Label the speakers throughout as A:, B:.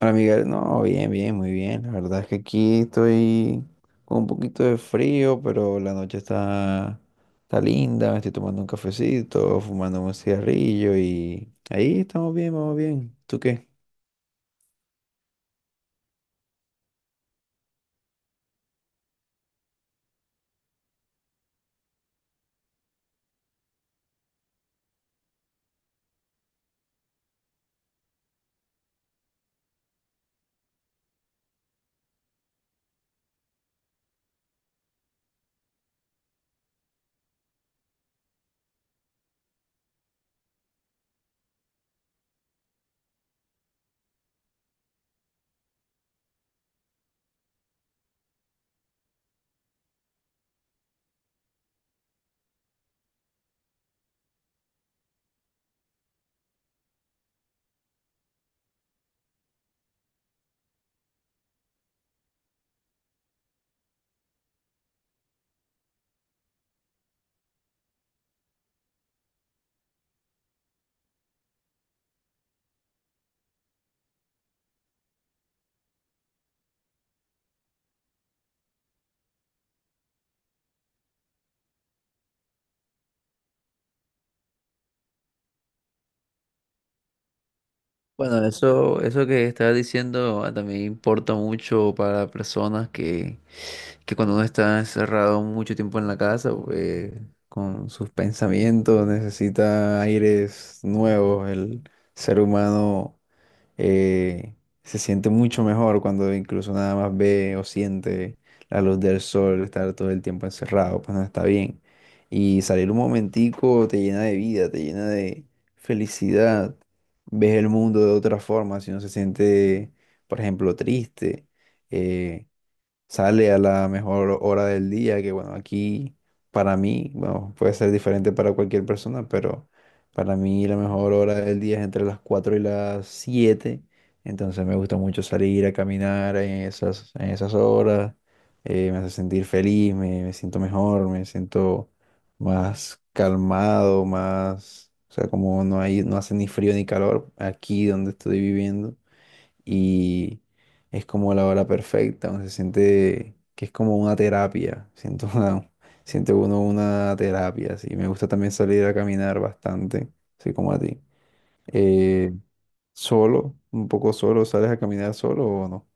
A: Hola Miguel, no, bien, bien, muy bien. La verdad es que aquí estoy con un poquito de frío, pero está linda, me estoy tomando un cafecito, fumando un cigarrillo y ahí estamos bien, vamos bien. ¿Tú qué? Bueno, eso que estabas diciendo ah, también importa mucho para que cuando uno está encerrado mucho tiempo en la casa, pues, con sus pensamientos necesita aires nuevos. El ser humano eh, se siente mucho mejor cuando incluso nada más ve o siente la luz del sol, estar todo el tiempo encerrado, pues no está bien. Y salir un momentico te llena de vida, te llena de felicidad, ves el mundo de otra forma, si uno se siente, por ejemplo, triste, eh, sale a la mejor hora del día, que bueno, aquí para mí, bueno, puede ser diferente para cualquier persona, pero para mí la mejor hora del día es entre las 4 y las siete. Entonces me gusta mucho salir a caminar en en esas horas, me hace sentir feliz, me siento mejor, me siento más calmado, más, o sea, como no hay, no hace ni frío ni calor aquí donde estoy viviendo y es como la hora perfecta, uno se siente que es como una terapia, siento una, siente uno una terapia, sí. Me gusta también salir a caminar bastante, así como a ti. Eh, solo, un poco solo, ¿sales a caminar solo o no?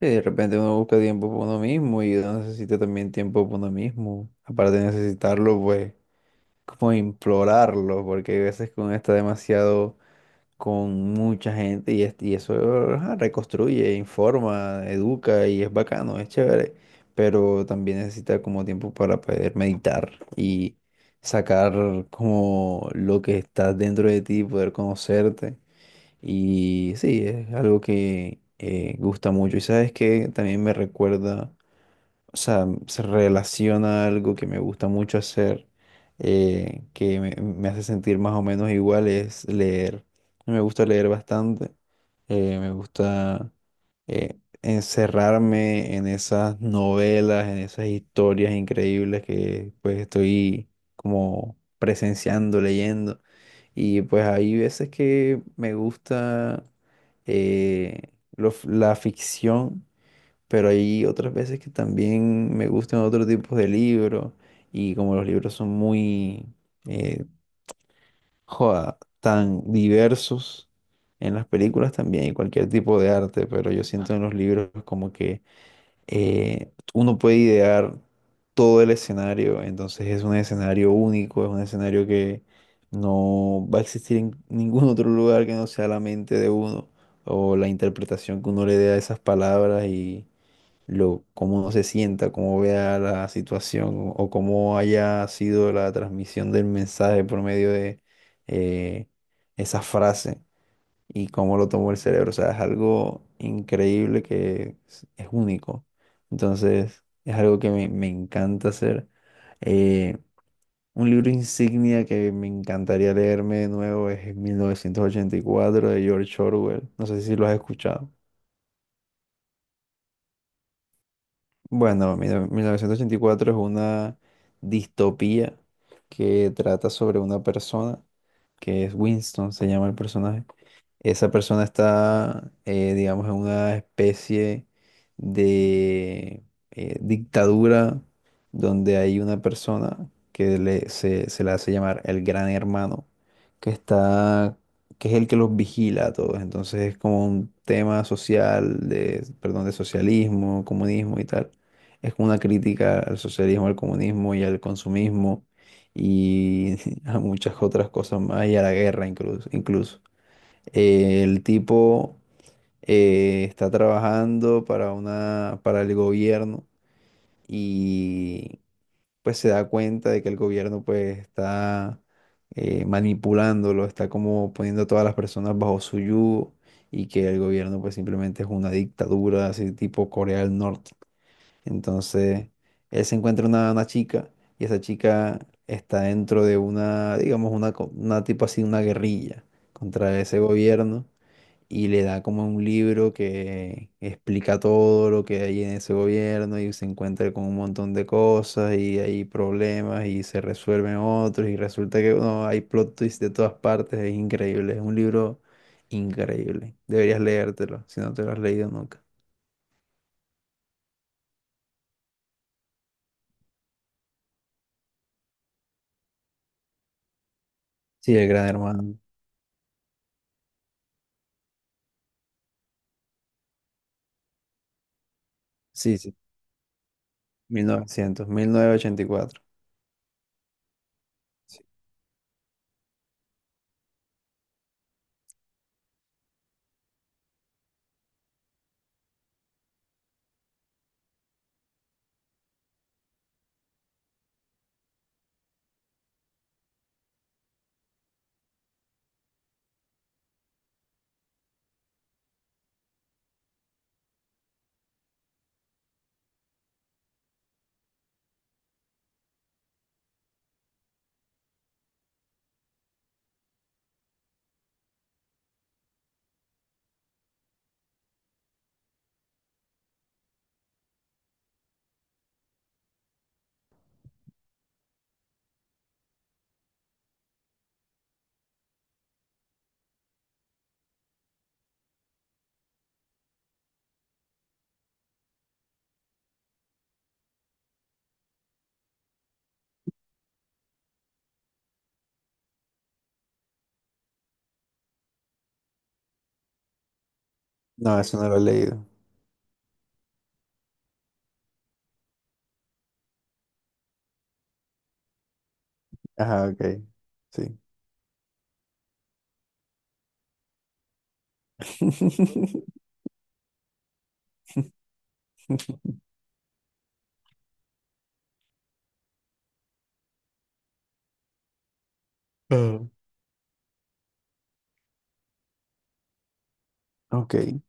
A: Sí, de repente uno busca tiempo para uno mismo y uno necesita también tiempo para uno mismo. Aparte de necesitarlo, pues, como implorarlo, porque hay veces que uno está demasiado con mucha gente y, es- y eso ajá, reconstruye, informa, educa y es bacano, es chévere, pero también necesita como tiempo para poder meditar y sacar como lo que está dentro de ti, poder conocerte y sí, es algo que gusta mucho y sabes que también me recuerda, o sea, se relaciona a algo que me gusta mucho hacer, que me hace sentir más o menos igual, es leer. Me gusta leer bastante, me gusta encerrarme en esas novelas, en esas historias increíbles que pues estoy como presenciando, leyendo. Y pues hay veces que me gusta eh, lo la ficción, pero hay otras veces que también me gustan otros tipos de libros y como los libros son muy, eh, joda, tan diversos en las películas también y cualquier tipo de arte, pero yo siento en los libros como que uno puede idear todo el escenario, entonces es un escenario único, es un escenario que no va a existir en ningún otro lugar que no sea la mente de uno o la interpretación que uno le dé a esas palabras y lo, cómo se sienta, cómo vea la situación o cómo haya sido la transmisión del mensaje por medio de eh, esa frase y cómo lo tomó el cerebro. O sea, es algo increíble que es único. Entonces, es algo que me encanta hacer. Eh, un libro insignia que me encantaría leerme de nuevo es 1984 de George Orwell. No sé si lo has escuchado. Bueno, mira, 1984 es una distopía que trata sobre una persona que es Winston, se llama el personaje. Esa persona está, digamos, en una especie de dictadura donde hay una persona que le- se le hace llamar el gran hermano, que está, que es el que los vigila a todos. Entonces es como un tema social, de, perdón, de socialismo, comunismo y tal. Es como una crítica al socialismo, al comunismo y al consumismo y a muchas otras cosas más y a la guerra incluso. El tipo está trabajando para una, para el gobierno y pues se da cuenta de que el gobierno pues está manipulándolo, está como poniendo a todas las personas bajo su yugo y que el gobierno pues simplemente es una dictadura así tipo Corea del Norte. Entonces él se encuentra una chica y esa chica está dentro de una, digamos, una, co- una tipo así, una guerrilla contra ese gobierno y le da como un libro que explica todo lo que hay en ese gobierno y se encuentra con un montón de cosas y hay problemas y se resuelven otros y resulta que no, hay plot twists de todas partes, es increíble, es un libro increíble. Deberías leértelo si no te lo has leído nunca. Sí, El Gran Hermano. Sí, sí, 1900, 1984. Sí. No, eso no lo he leído. Ajá, ok. Sí. Ah, ok.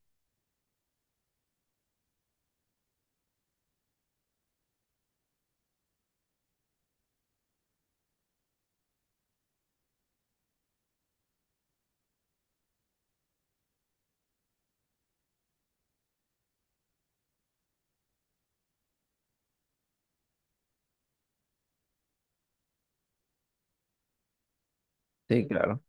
A: Sí, claro.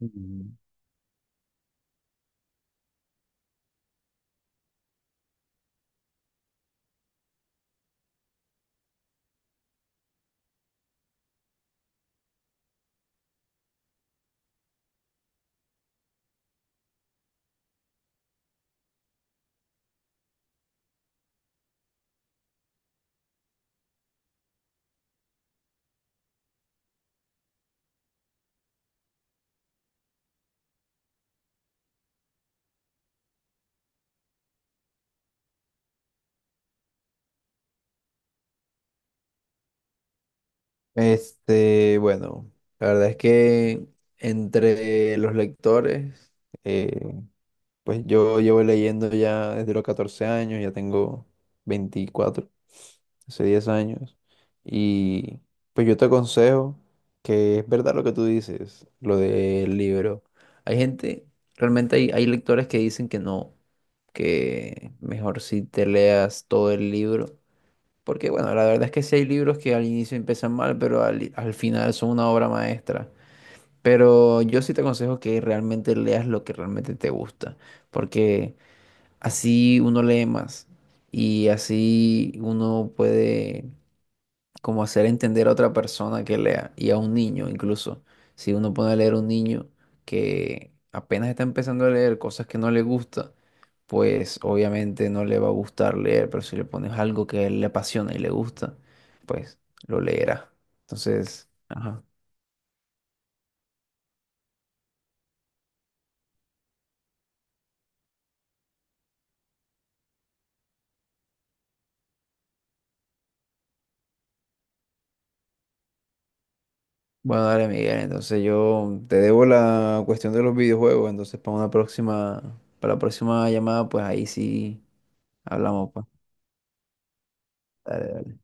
A: Mm. Este, bueno, la verdad es que entre los lectores, eh, pues yo llevo leyendo ya desde los 14 años, ya tengo 24, hace 10 años, y pues yo te aconsejo, que es verdad lo que tú dices, lo del libro. Hay gente, realmente hay, hay lectores que dicen que no, que mejor si te leas todo el libro, porque bueno, la verdad es que sí hay libros que al inicio empiezan mal, pero al final son una obra maestra. Pero yo sí te aconsejo que realmente leas lo que realmente te gusta, porque así uno lee más y así uno puede como hacer entender a otra persona que lea y a un niño incluso. Si uno pone a leer a un niño que apenas está empezando a leer cosas que no le gusta, pues obviamente no le va a gustar leer, pero si le pones algo que a él le apasiona y le gusta, pues lo leerá. Entonces, ajá. Bueno, dale, Miguel, entonces yo te debo la cuestión de los videojuegos, entonces para una próxima, para la próxima llamada, pues ahí sí hablamos, pues. Dale, dale.